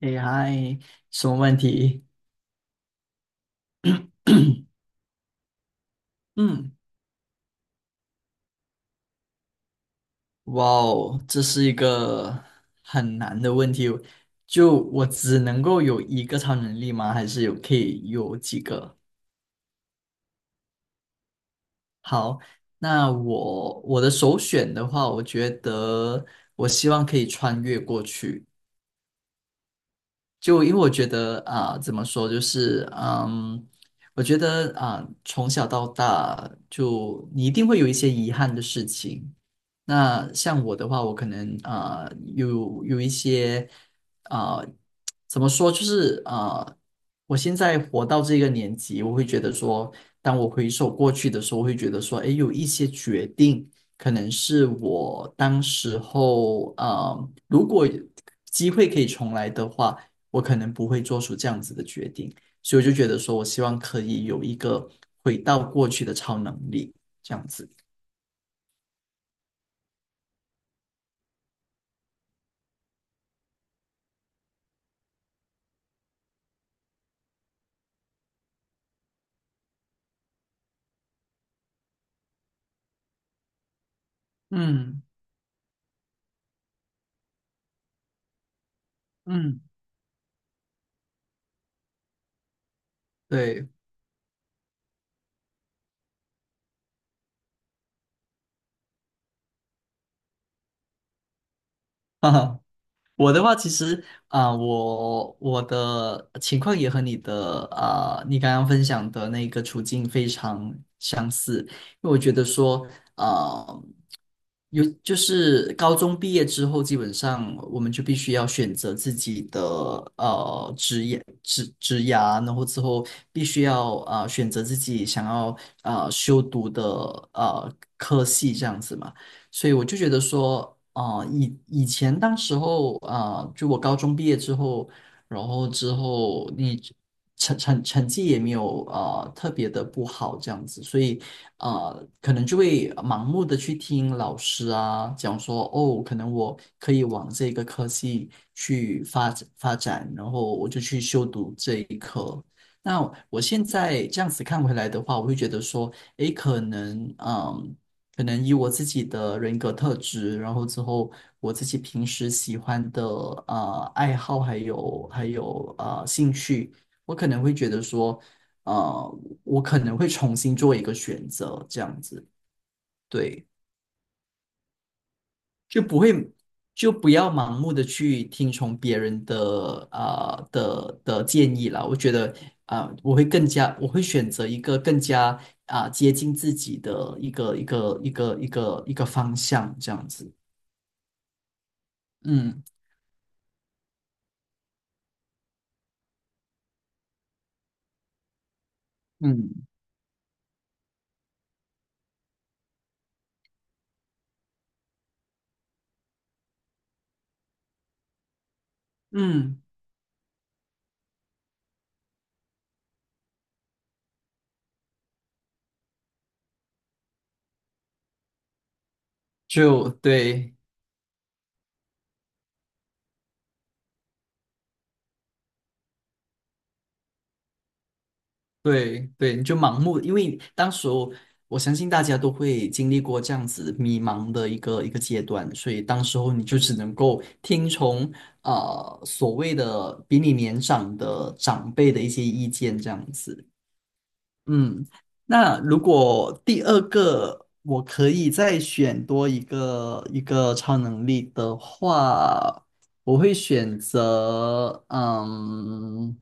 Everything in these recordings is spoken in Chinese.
哎嗨，什么问题？嗯，哇哦，这是一个很难的问题。就我只能够有一个超能力吗？还是有可以有几个？好，那我的首选的话，我觉得我希望可以穿越过去。就因为我觉得怎么说，就是我觉得从小到大，就你一定会有一些遗憾的事情。那像我的话，我可能有一些啊、怎么说，就是我现在活到这个年纪，我会觉得说，当我回首过去的时候，我会觉得说，诶，有一些决定。可能是我当时候，如果机会可以重来的话，我可能不会做出这样子的决定，所以我就觉得说，我希望可以有一个回到过去的超能力，这样子。嗯嗯，对，哈哈。我的话，其实我的情况也和你的你刚刚分享的那个处境非常相似，因为我觉得说，啊，有就是高中毕业之后，基本上我们就必须要选择自己的职业职涯，然后之后必须要选择自己想要修读的科系这样子嘛。所以我就觉得说，以前当时候就我高中毕业之后，然后之后你成绩也没有特别的不好这样子，所以啊，可能就会盲目的去听老师讲说，哦，可能我可以往这个科系去发展发展，然后我就去修读这一科。那我现在这样子看回来的话，我会觉得说，诶，可能。可能以我自己的人格特质，然后之后我自己平时喜欢的爱好，还有兴趣，我可能会觉得说，我可能会重新做一个选择，这样子，对，就不会就不要盲目的去听从别人的的建议啦。我觉得我会选择一个更加接近自己的一个方向，这样子。嗯嗯嗯，就对对对，你就盲目，因为当时候我相信大家都会经历过这样子迷茫的一个阶段，所以当时候你就只能够听从所谓的比你年长的长辈的一些意见这样子。嗯，那如果第二个我可以再选多一个超能力的话，我会选择，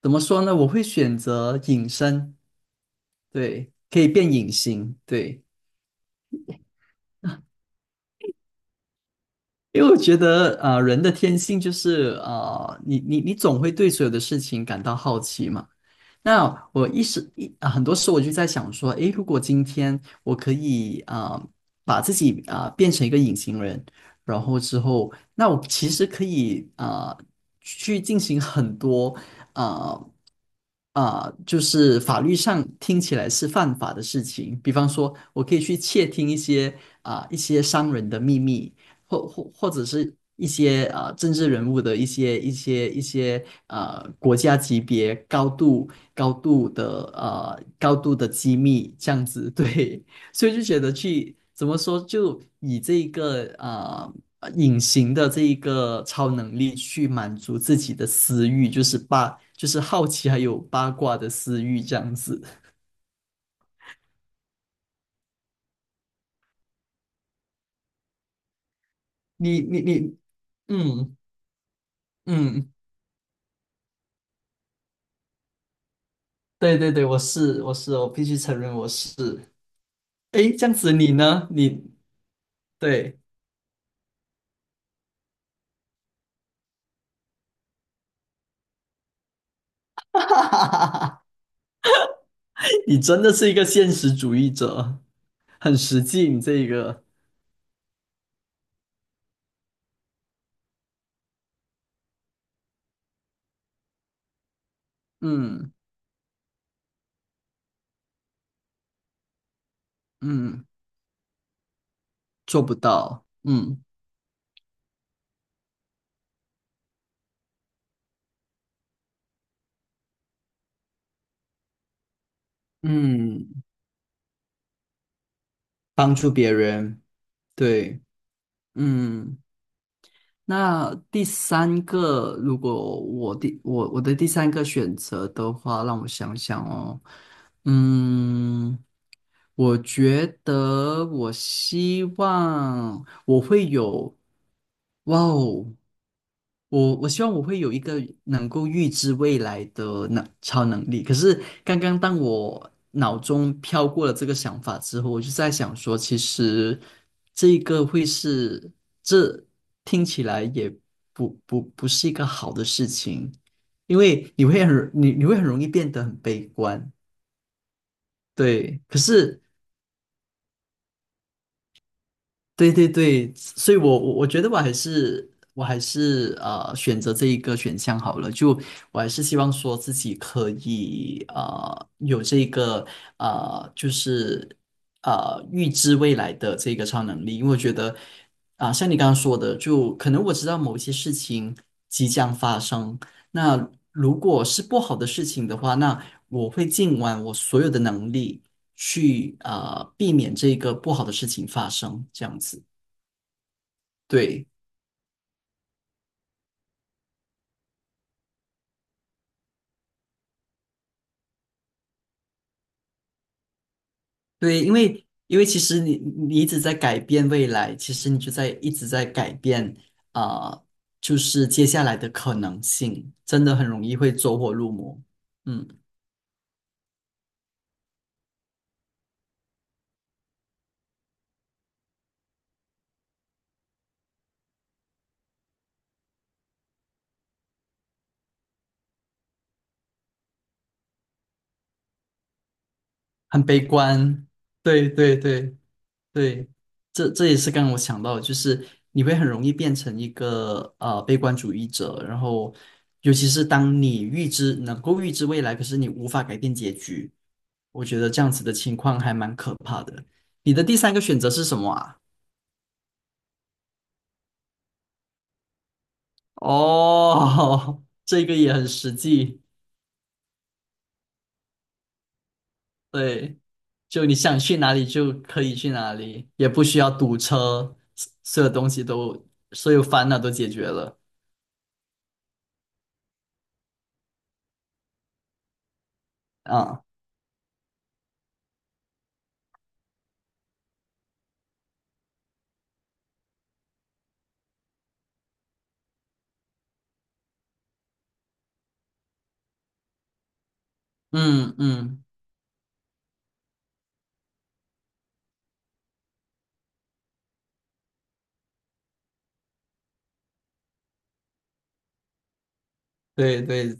怎么说呢？我会选择隐身，对，可以变隐形，对，因为我觉得，人的天性就是，你总会对所有的事情感到好奇嘛。那我一时一啊很多时候我就在想说，诶，如果今天我可以把自己变成一个隐形人，然后之后，那我其实可以去进行很多啊就是法律上听起来是犯法的事情，比方说我可以去窃听一些一些商人的秘密，或者是一些政治人物的一些国家级别高度的机密这样子，对，所以就觉得去怎么说，就以这一个。隐形的这一个超能力去满足自己的私欲，就是八，就是好奇还有八卦的私欲这样子。你你你，嗯嗯，对对对，我是，我必须承认我是。诶，这样子你呢？对，你真的是一个现实主义者，很实际。你这一个，嗯嗯，做不到，嗯嗯，帮助别人，对，嗯。那第三个，如果我的第三个选择的话，让我想想哦，嗯，我觉得我希望我会有，哇哦！我希望我会有一个能够预知未来的超能力。可是刚刚当我脑中飘过了这个想法之后，我就在想说，其实这一个会是这听起来也不是一个好的事情，因为你会很容易变得很悲观。对，可是对对对，所以我觉得我还是选择这一个选项好了，就我还是希望说自己可以有这个就是预知未来的这个超能力，因为我觉得像你刚刚说的，就可能我知道某一些事情即将发生，那如果是不好的事情的话，那我会尽完我所有的能力。去避免这个不好的事情发生，这样子。对对，因为其实你一直在改变未来，其实你就在一直在改变啊、呃就是接下来的可能性，真的很容易会走火入魔。嗯，很悲观。对对对。对，这这也是刚刚我想到的就是你会很容易变成一个悲观主义者，然后尤其是当你预知能够预知未来，可是你无法改变结局，我觉得这样子的情况还蛮可怕的。你的第三个选择是什么啊？哦，这个也很实际，对，就你想去哪里就可以去哪里，也不需要堵车，所所有东西都所有烦恼都解决了啊，嗯嗯。对对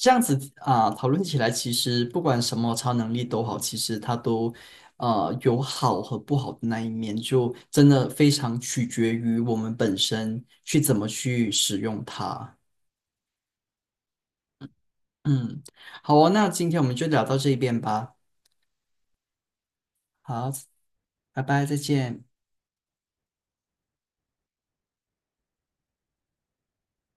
这样子啊、讨论起来，其实不管什么超能力都好，其实它都有好和不好的那一面，就真的非常取决于我们本身去怎么去使用它。嗯，好哦，那今天我们就聊到这边吧。好，拜拜，再见。